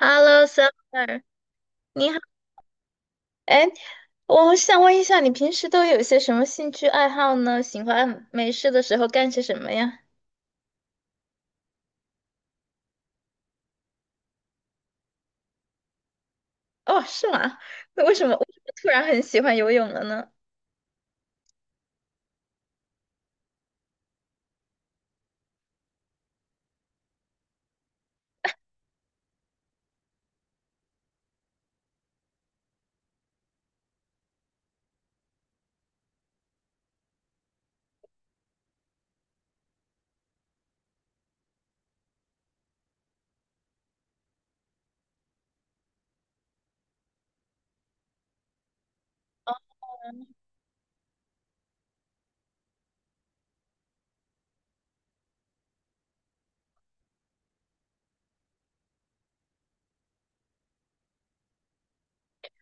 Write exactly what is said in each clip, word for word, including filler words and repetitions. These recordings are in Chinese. Hello, Summer，你好。哎，我想问一下，你平时都有些什么兴趣爱好呢？喜欢没事的时候干些什么呀？哦，是吗？那为什么为什么突然很喜欢游泳了呢？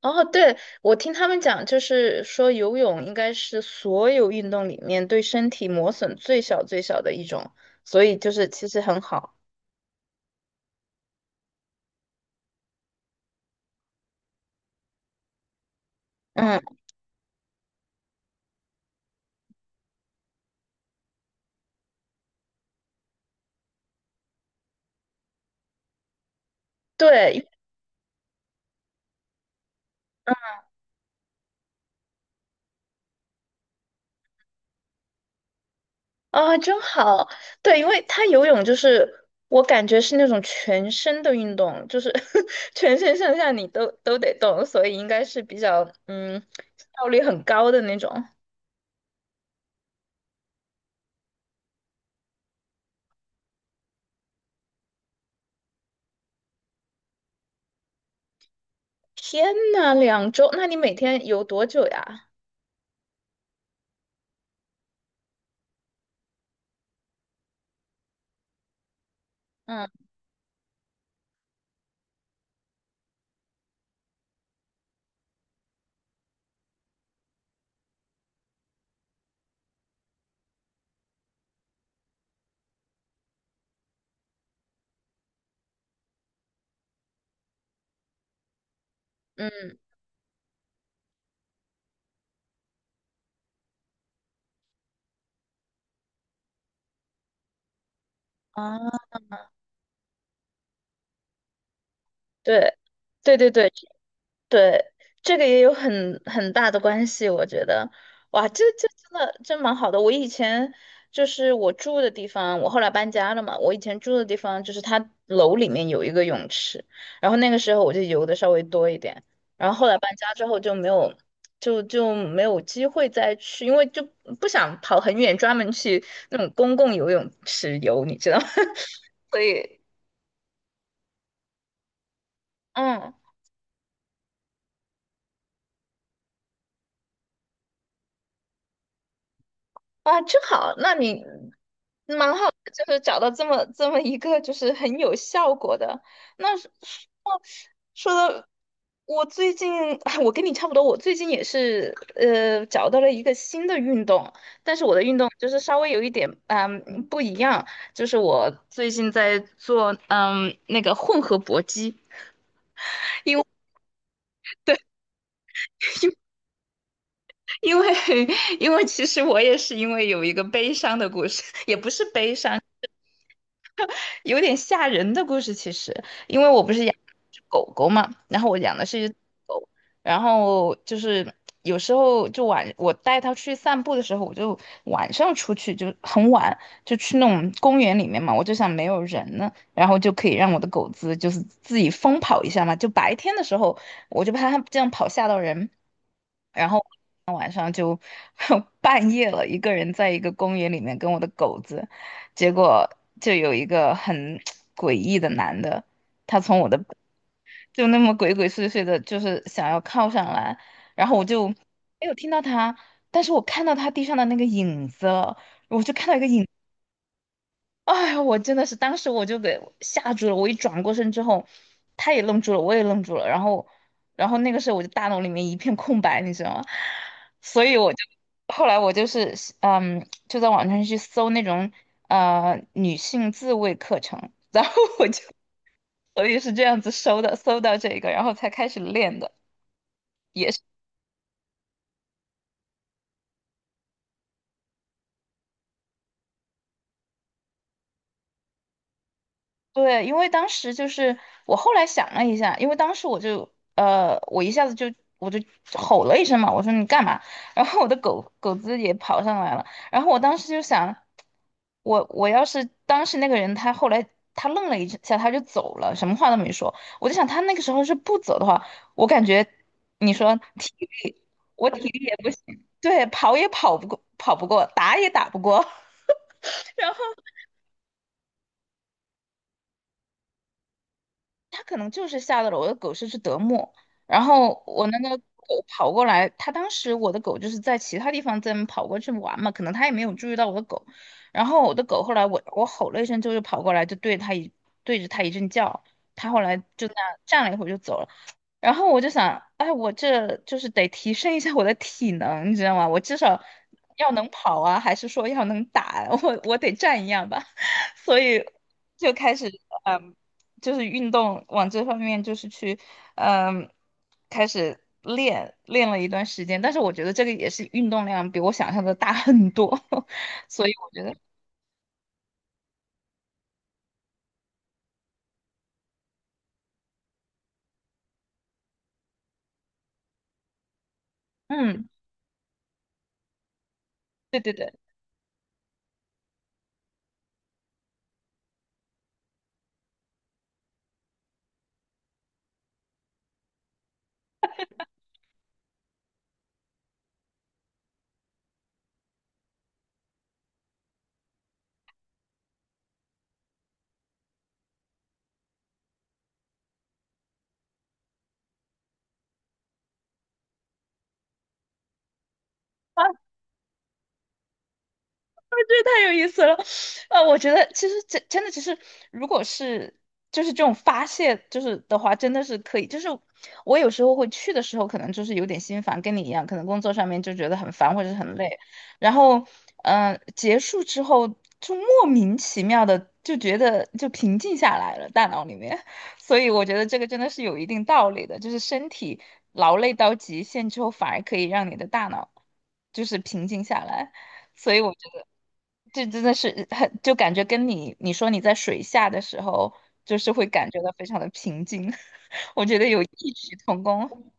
哦，对，我听他们讲，就是说游泳应该是所有运动里面对身体磨损最小最小的一种，所以就是其实很好。嗯，对，啊，真好！对，因为他游泳就是我感觉是那种全身的运动，就是 全身上下你都都得动，所以应该是比较嗯效率很高的那种。天呐，两周？那你每天游多久呀？嗯嗯啊，对对对对，对，这个也有很很大的关系，我觉得。哇，这这真的真蛮好的。我以前就是我住的地方，我后来搬家了嘛，我以前住的地方就是它楼里面有一个泳池，然后那个时候我就游的稍微多一点，然后后来搬家之后就没有，就就没有机会再去，因为就不想跑很远，专门去那种公共游泳池游，你知道吗？所以，嗯。啊，真好，那你蛮好的就是找到这么这么一个就是很有效果的。那说说到我最近，我跟你差不多，我最近也是呃找到了一个新的运动，但是我的运动就是稍微有一点嗯不一样，就是我最近在做嗯那个混合搏击。因为 因为其实我也是因为有一个悲伤的故事，也不是悲伤，有点吓人的故事，其实，因为我不是养只狗狗嘛，然后我养的是一只狗，然后就是有时候就晚，我带它去散步的时候，我就晚上出去就很晚，就去那种公园里面嘛，我就想没有人呢，然后就可以让我的狗子就是自己疯跑一下嘛，就白天的时候我就怕它这样跑吓到人，然后晚上就 半夜了，一个人在一个公园里面跟我的狗子。结果就有一个很 诡异的男的，他从我的就那么鬼鬼祟祟的，就是想要靠上来，然后我就没有听到他，但是我看到他地上的那个影子，那个影。哎呀，我真的是当时我就给吓住了，我一转过身之后，他也愣住了，我也愣住了，然后，然后那个时候我就大脑里面一片空白，你知道吗？所以我就后来我就是嗯，就在网上去搜那种呃女性自慰课程，然后我就所以是这样子搜的，搜到这个，然后才开始练的。也是。对，因为当时就是我后来想了一下，因为当时我就呃，我一下子就我就吼了一声嘛，我说你干嘛？然后我的狗狗子也跑上来了，然后我当时就想，我我要是当时那个人，他后来他愣了一下，他就走了，什么话都没说。我就想他那个时候是不走的话，我感觉你说体力，我体力也不行，对，跑也跑不过，跑不过，打也打不过。然后。它可能就是吓到了我的狗，是只德牧。然后我那个狗跑过来，它当时我的狗就是在其他地方在跑过去玩嘛，可能它也没有注意到我的狗。然后我的狗后来我我吼了一声之后就跑过来，就对它一对着它一阵叫，它后来就那样站了一会儿就走了。然后我就想，哎，我这就是得提升一下我的体能，你知道吗？我至少要能跑啊，还是说要能打啊？我我得站一样吧。所以就开始。嗯。就是运动往这方面就是去，嗯，开始练练了一段时间，但是我觉得这个也是运动量比我想象的大很多，所以我觉得，嗯，对对对。太有意思了。啊，我觉得其实真真的，其实如果是就是这种发泄，就是的话，真的是可以。就是我有时候会去的时候，可能就是有点心烦，跟你一样，可能工作上面就觉得很烦或者是很累，然后嗯、呃结束之后就莫名其妙的就觉得就平静下来了，大脑里面。所以我觉得这个真的是有一定道理的，就是身体劳累到极限之后，反而可以让你的大脑就是平静下来。所以我觉得这真的是很，就感觉跟你你说你在水下的时候，就是会感觉到非常的平静，我觉得有异曲同工。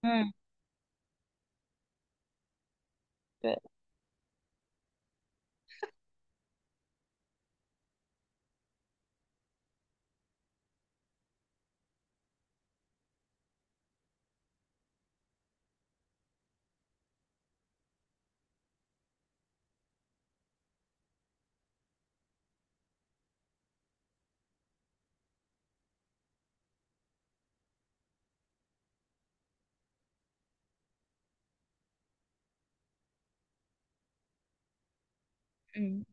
嗯，对，嗯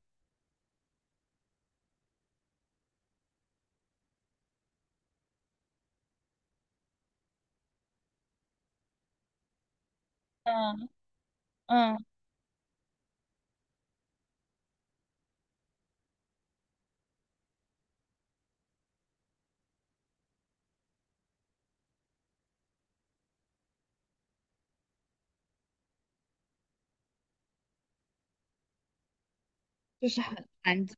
嗯嗯，就是很安静。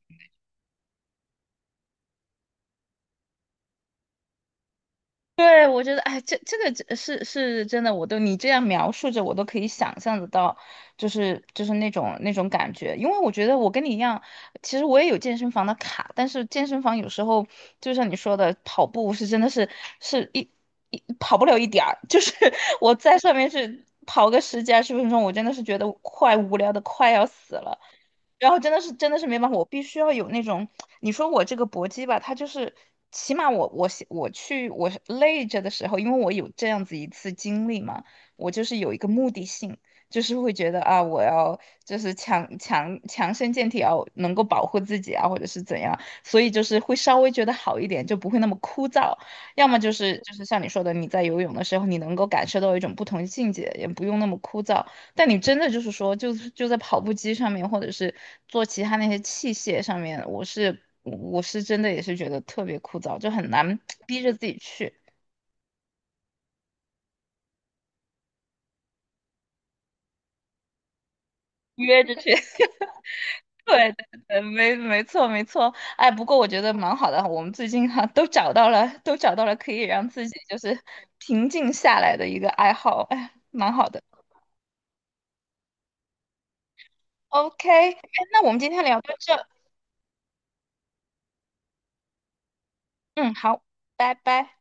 对，我觉得，哎，这这个真是是真的，我都你这样描述着，我都可以想象得到，就是就是那种那种感觉。因为我觉得我跟你一样，其实我也有健身房的卡，但是健身房有时候就像你说的，跑步是真的是是一一跑不了一点儿，就是 我在上面是跑个十几二十分钟，我真的是觉得快无聊的快要死了。然后真的是真的是没办法，我必须要有那种。你说我这个搏击吧，它就是起码我我写我去我是累着的时候，因为我有这样子一次经历嘛，我就是有一个目的性，就是会觉得啊，我要就是强强强身健体啊，要能够保护自己啊，或者是怎样，所以就是会稍微觉得好一点，就不会那么枯燥。要么就是就是像你说的，你在游泳的时候，你能够感受到一种不同境界，也不用那么枯燥。但你真的就是说，就是就在跑步机上面，或者是做其他那些器械上面，我是我是真的也是觉得特别枯燥，就很难逼着自己去约着去。对对对，没没错没错。哎，不过我觉得蛮好的，我们最近哈、都找到了，都找到了可以让自己就是平静下来的一个爱好，哎，蛮好的。OK，哎那我们今天聊到这，嗯，好，拜拜。